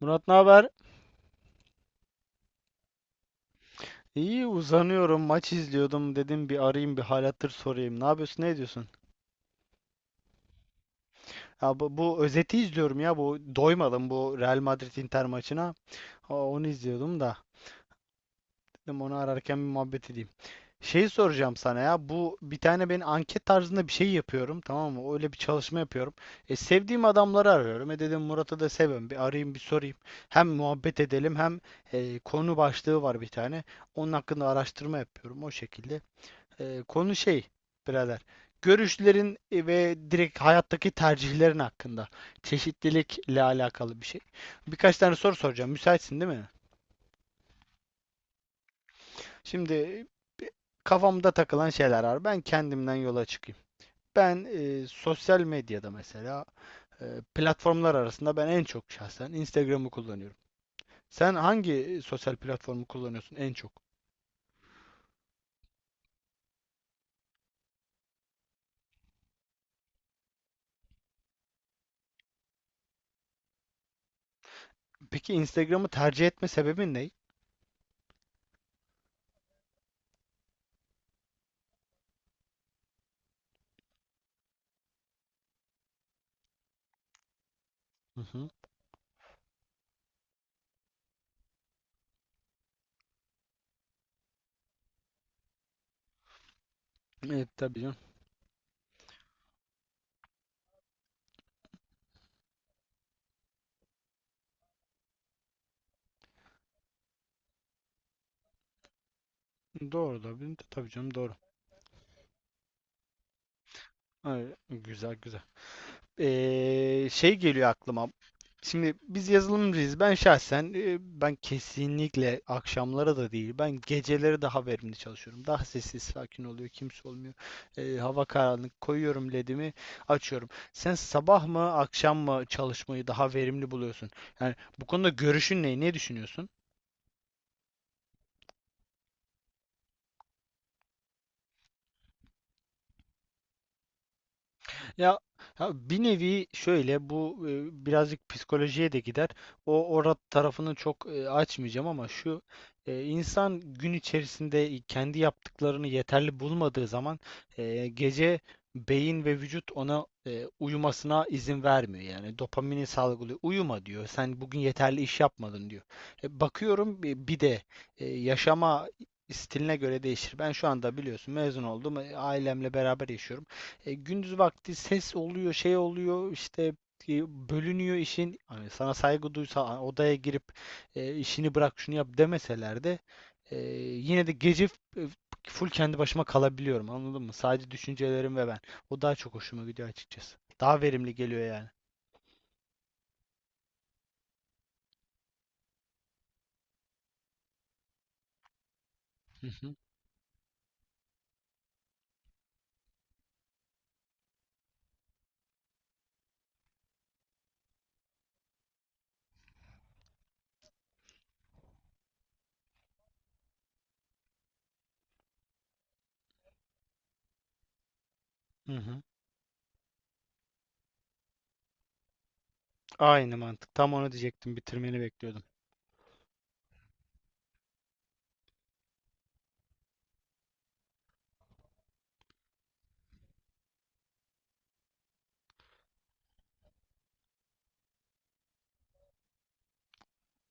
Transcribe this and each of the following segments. Murat ne haber? İyi uzanıyorum, maç izliyordum, dedim bir arayayım, bir hal hatır sorayım. Ne yapıyorsun ne ediyorsun? Ya bu özeti izliyorum ya, bu doymadım bu Real Madrid Inter maçına. Ha, onu izliyordum da dedim onu ararken bir muhabbet edeyim. Şey soracağım sana, ya bu bir tane ben anket tarzında bir şey yapıyorum, tamam mı? Öyle bir çalışma yapıyorum. Sevdiğim adamları arıyorum. Dedim Murat'ı da seviyorum, bir arayayım bir sorayım. Hem muhabbet edelim hem konu başlığı var bir tane. Onun hakkında araştırma yapıyorum, o şekilde. Konu şey, birader. Görüşlerin ve direkt hayattaki tercihlerin hakkında. Çeşitlilikle alakalı bir şey. Birkaç tane soru soracağım. Müsaitsin değil mi? Şimdi kafamda takılan şeyler var. Ben kendimden yola çıkayım. Ben sosyal medyada mesela e, platformlar arasında ben en çok şahsen Instagram'ı kullanıyorum. Sen hangi sosyal platformu kullanıyorsun en çok? Peki Instagram'ı tercih etme sebebin ne? Hı hı. Evet, tabii canım. Doğru da, tabii canım, doğru. Ay, güzel güzel. Şey geliyor aklıma. Şimdi biz yazılımcıyız. Ben şahsen ben kesinlikle akşamlara da değil. Ben geceleri daha verimli çalışıyorum. Daha sessiz sakin oluyor. Kimse olmuyor. Hava karanlık. Koyuyorum ledimi. Açıyorum. Sen sabah mı akşam mı çalışmayı daha verimli buluyorsun? Yani bu konuda görüşün ne? Ne düşünüyorsun? Ya, ha, bir nevi şöyle bu birazcık psikolojiye de gider. O orada tarafını çok açmayacağım ama şu insan gün içerisinde kendi yaptıklarını yeterli bulmadığı zaman gece beyin ve vücut ona uyumasına izin vermiyor. Yani dopamini salgılıyor. Uyuma diyor. Sen bugün yeterli iş yapmadın diyor. Bakıyorum bir de yaşama stiline göre değişir. Ben şu anda biliyorsun mezun oldum. Ailemle beraber yaşıyorum. Gündüz vakti ses oluyor, şey oluyor, işte bölünüyor işin. Hani sana saygı duysa odaya girip işini bırak şunu yap demeseler de yine de gece full kendi başıma kalabiliyorum. Anladın mı? Sadece düşüncelerim ve ben. O daha çok hoşuma gidiyor, açıkçası. Daha verimli geliyor yani. Hı hı. Hı hı. Aynı mantık. Tam onu diyecektim. Bitirmeni bekliyordum.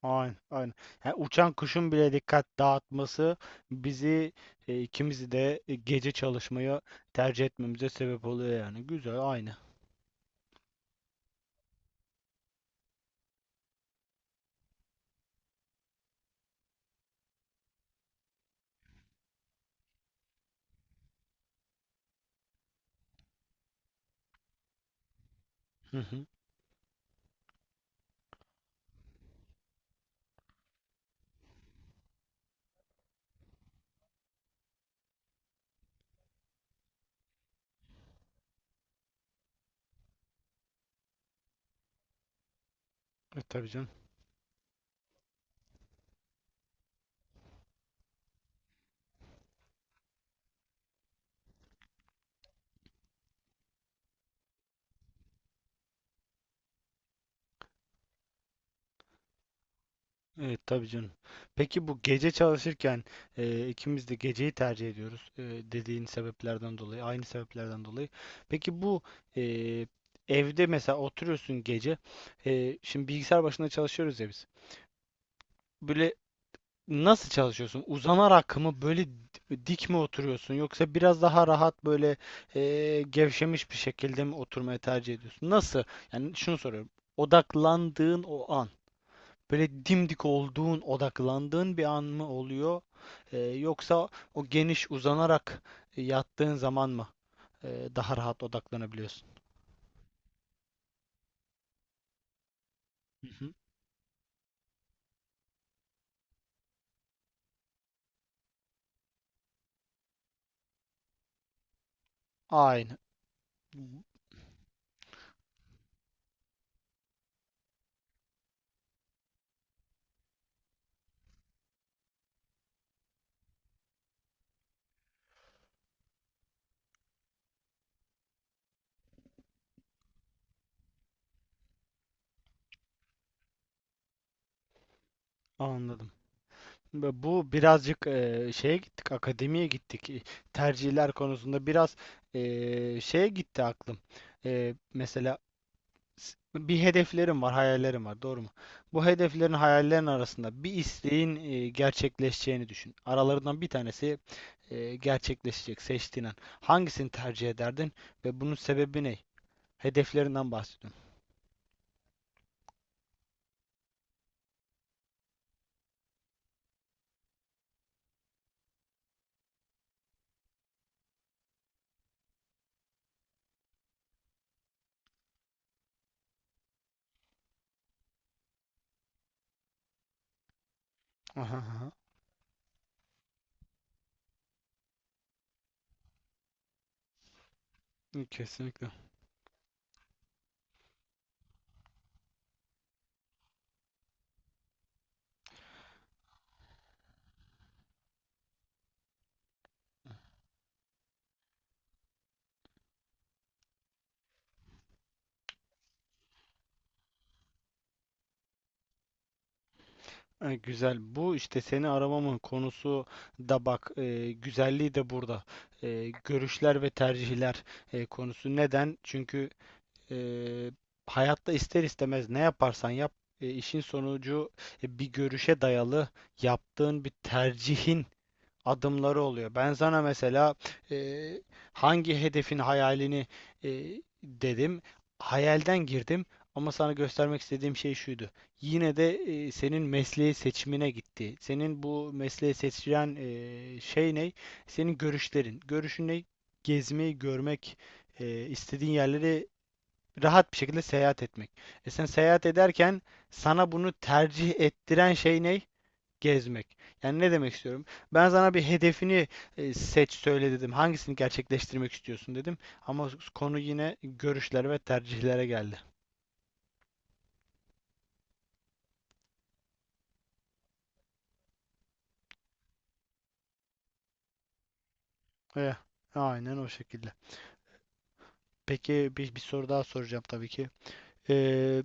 Aynen, aynen. Yani uçan kuşun bile dikkat dağıtması bizi ikimizi de gece çalışmaya tercih etmemize sebep oluyor yani. Güzel, aynı. Hı hı. Tabii canım. Evet, tabii canım. Peki bu gece çalışırken ikimiz de geceyi tercih ediyoruz, dediğin sebeplerden dolayı, aynı sebeplerden dolayı. Peki bu e, evde mesela oturuyorsun gece, şimdi bilgisayar başında çalışıyoruz ya biz. Böyle nasıl çalışıyorsun? Uzanarak mı, böyle dik mi oturuyorsun, yoksa biraz daha rahat, böyle gevşemiş bir şekilde mi oturmayı tercih ediyorsun? Nasıl? Yani şunu soruyorum. Odaklandığın o an, böyle dimdik olduğun, odaklandığın bir an mı oluyor? Yoksa o geniş uzanarak yattığın zaman mı daha rahat odaklanabiliyorsun? Hı hı. Aynen. Anladım. Ve bu birazcık şeye gittik, akademiye gittik. Tercihler konusunda biraz şeye gitti aklım. Mesela bir hedeflerim var, hayallerim var, doğru mu? Bu hedeflerin, hayallerin arasında bir isteğin gerçekleşeceğini düşün. Aralarından bir tanesi gerçekleşecek, seçtiğin an. Hangisini tercih ederdin ve bunun sebebi ne? Hedeflerinden bahsediyorum. Aha, aha. Kesinlikle. Güzel. Bu işte seni aramamın konusu da bak, güzelliği de burada. Görüşler ve tercihler konusu. Neden? Çünkü e, hayatta ister istemez ne yaparsan yap, işin sonucu bir görüşe dayalı yaptığın bir tercihin adımları oluyor. Ben sana mesela eee, hangi hedefin hayalini dedim. Hayalden girdim ama sana göstermek istediğim şey şuydu. Yine de senin mesleği seçimine gitti. Senin bu mesleği seçilen şey ne? Senin görüşlerin. Görüşün ne? Gezmeyi, görmek, istediğin yerleri rahat bir şekilde seyahat etmek. Sen seyahat ederken sana bunu tercih ettiren şey ne? Gezmek. Yani ne demek istiyorum? Ben sana bir hedefini seç söyle dedim. Hangisini gerçekleştirmek istiyorsun dedim. Ama konu yine görüşler ve tercihlere geldi. Eh, aynen o şekilde. Peki bir soru daha soracağım tabii ki. Ee,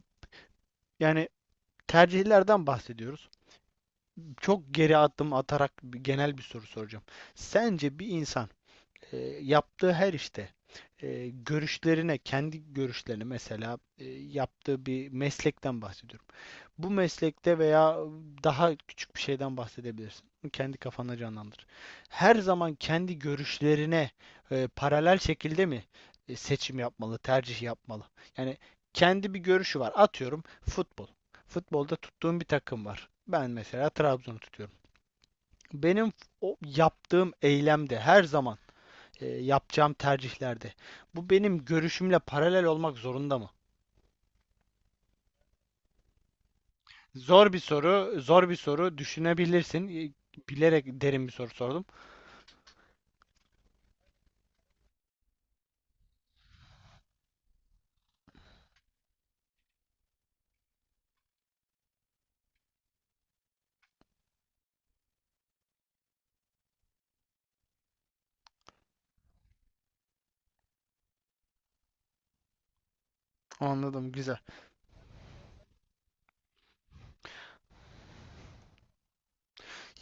Yani tercihlerden bahsediyoruz. Çok geri adım atarak genel bir soru soracağım. Sence bir insan e, yaptığı her işte görüşlerine, kendi görüşlerine, mesela yaptığı bir meslekten bahsediyorum. Bu meslekte veya daha küçük bir şeyden bahsedebilirsin. Kendi kafana canlandır. Her zaman kendi görüşlerine paralel şekilde mi seçim yapmalı, tercih yapmalı? Yani kendi bir görüşü var. Atıyorum, futbol. Futbolda tuttuğum bir takım var. Ben mesela Trabzon'u tutuyorum. Benim o yaptığım eylemde her zaman yapacağım tercihlerde bu benim görüşümle paralel olmak zorunda mı? Zor bir soru, zor bir soru. Düşünebilirsin. Bilerek derin bir soru sordum. Anladım, güzel.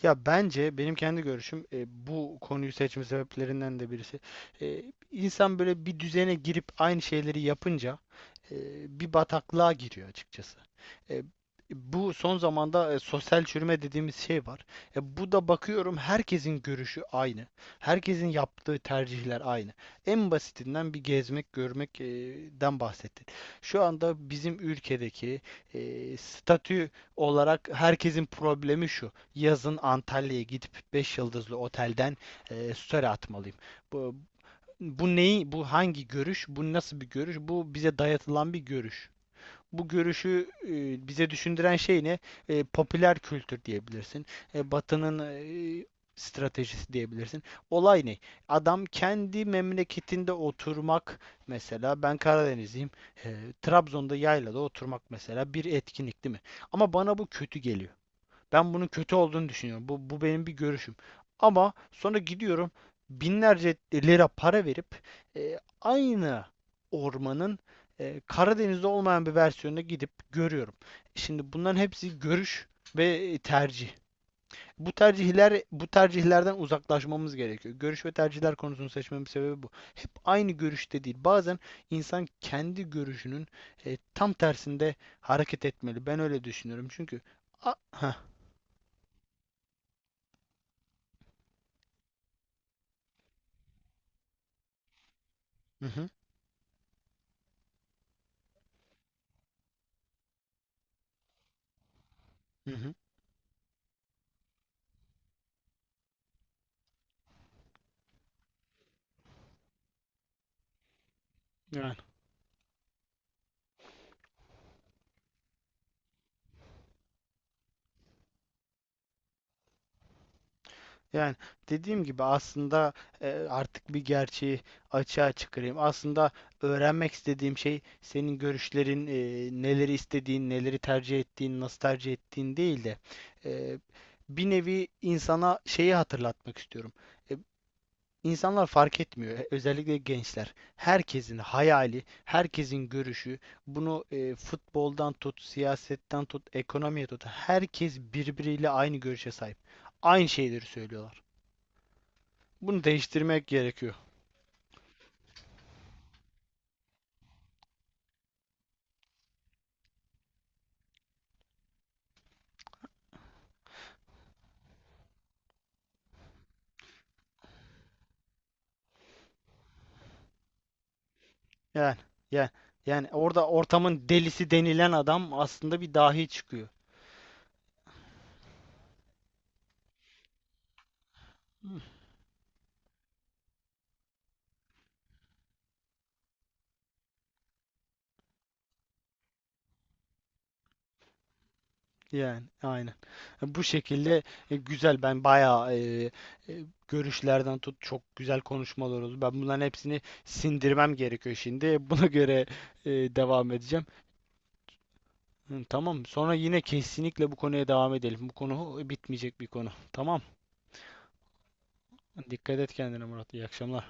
Ya bence benim kendi görüşüm bu konuyu seçme sebeplerinden de birisi. E, insan böyle bir düzene girip aynı şeyleri yapınca e, bir bataklığa giriyor, açıkçası. E, Bu son zamanda sosyal çürüme dediğimiz şey var. Bu da bakıyorum, herkesin görüşü aynı. Herkesin yaptığı tercihler aynı. En basitinden bir gezmek, görmekten bahsettin. Şu anda bizim ülkedeki statü olarak herkesin problemi şu. Yazın Antalya'ya gidip 5 yıldızlı otelden story atmalıyım. Bu, bu neyi, bu hangi görüş, bu nasıl bir görüş, bu bize dayatılan bir görüş. Bu görüşü bize düşündüren şey ne? Popüler kültür diyebilirsin. Batı'nın stratejisi diyebilirsin. Olay ne? Adam kendi memleketinde oturmak, mesela ben Karadenizliyim. eee, Trabzon'da yaylada oturmak mesela bir etkinlik değil mi? Ama bana bu kötü geliyor. Ben bunun kötü olduğunu düşünüyorum. Bu benim bir görüşüm. Ama sonra gidiyorum binlerce lira para verip aynı ormanın Karadeniz'de olmayan bir versiyonuna gidip görüyorum. Şimdi bunların hepsi görüş ve tercih. Bu tercihlerden uzaklaşmamız gerekiyor. Görüş ve tercihler konusunu seçmemin sebebi bu. Aynı görüşte değil. Bazen insan kendi görüşünün tam tersinde hareket etmeli. Ben öyle düşünüyorum. Çünkü heh, hı hı, hı hı. Yani, yani dediğim gibi aslında artık bir gerçeği açığa çıkarayım. Aslında öğrenmek istediğim şey senin görüşlerin, neleri istediğin, neleri tercih ettiğin, nasıl tercih ettiğin değil de e, bir nevi insana şeyi hatırlatmak istiyorum. E, İnsanlar fark etmiyor. Özellikle gençler. Herkesin hayali, herkesin görüşü, bunu futboldan tut, siyasetten tut, ekonomiye tut. Herkes birbiriyle aynı görüşe sahip. Aynı şeyleri söylüyorlar. Bunu değiştirmek gerekiyor. Yani, yani, yani orada ortamın delisi denilen adam aslında bir dahi çıkıyor. Yani aynen. Bu şekilde güzel, ben bayağı e, görüşlerden tut, çok güzel konuşmalar oldu. Ben bunların hepsini sindirmem gerekiyor şimdi. Buna göre devam edeceğim. Hı, tamam. Sonra yine kesinlikle bu konuya devam edelim. Bu konu bitmeyecek bir konu. Tamam. Dikkat et kendine, Murat. İyi akşamlar.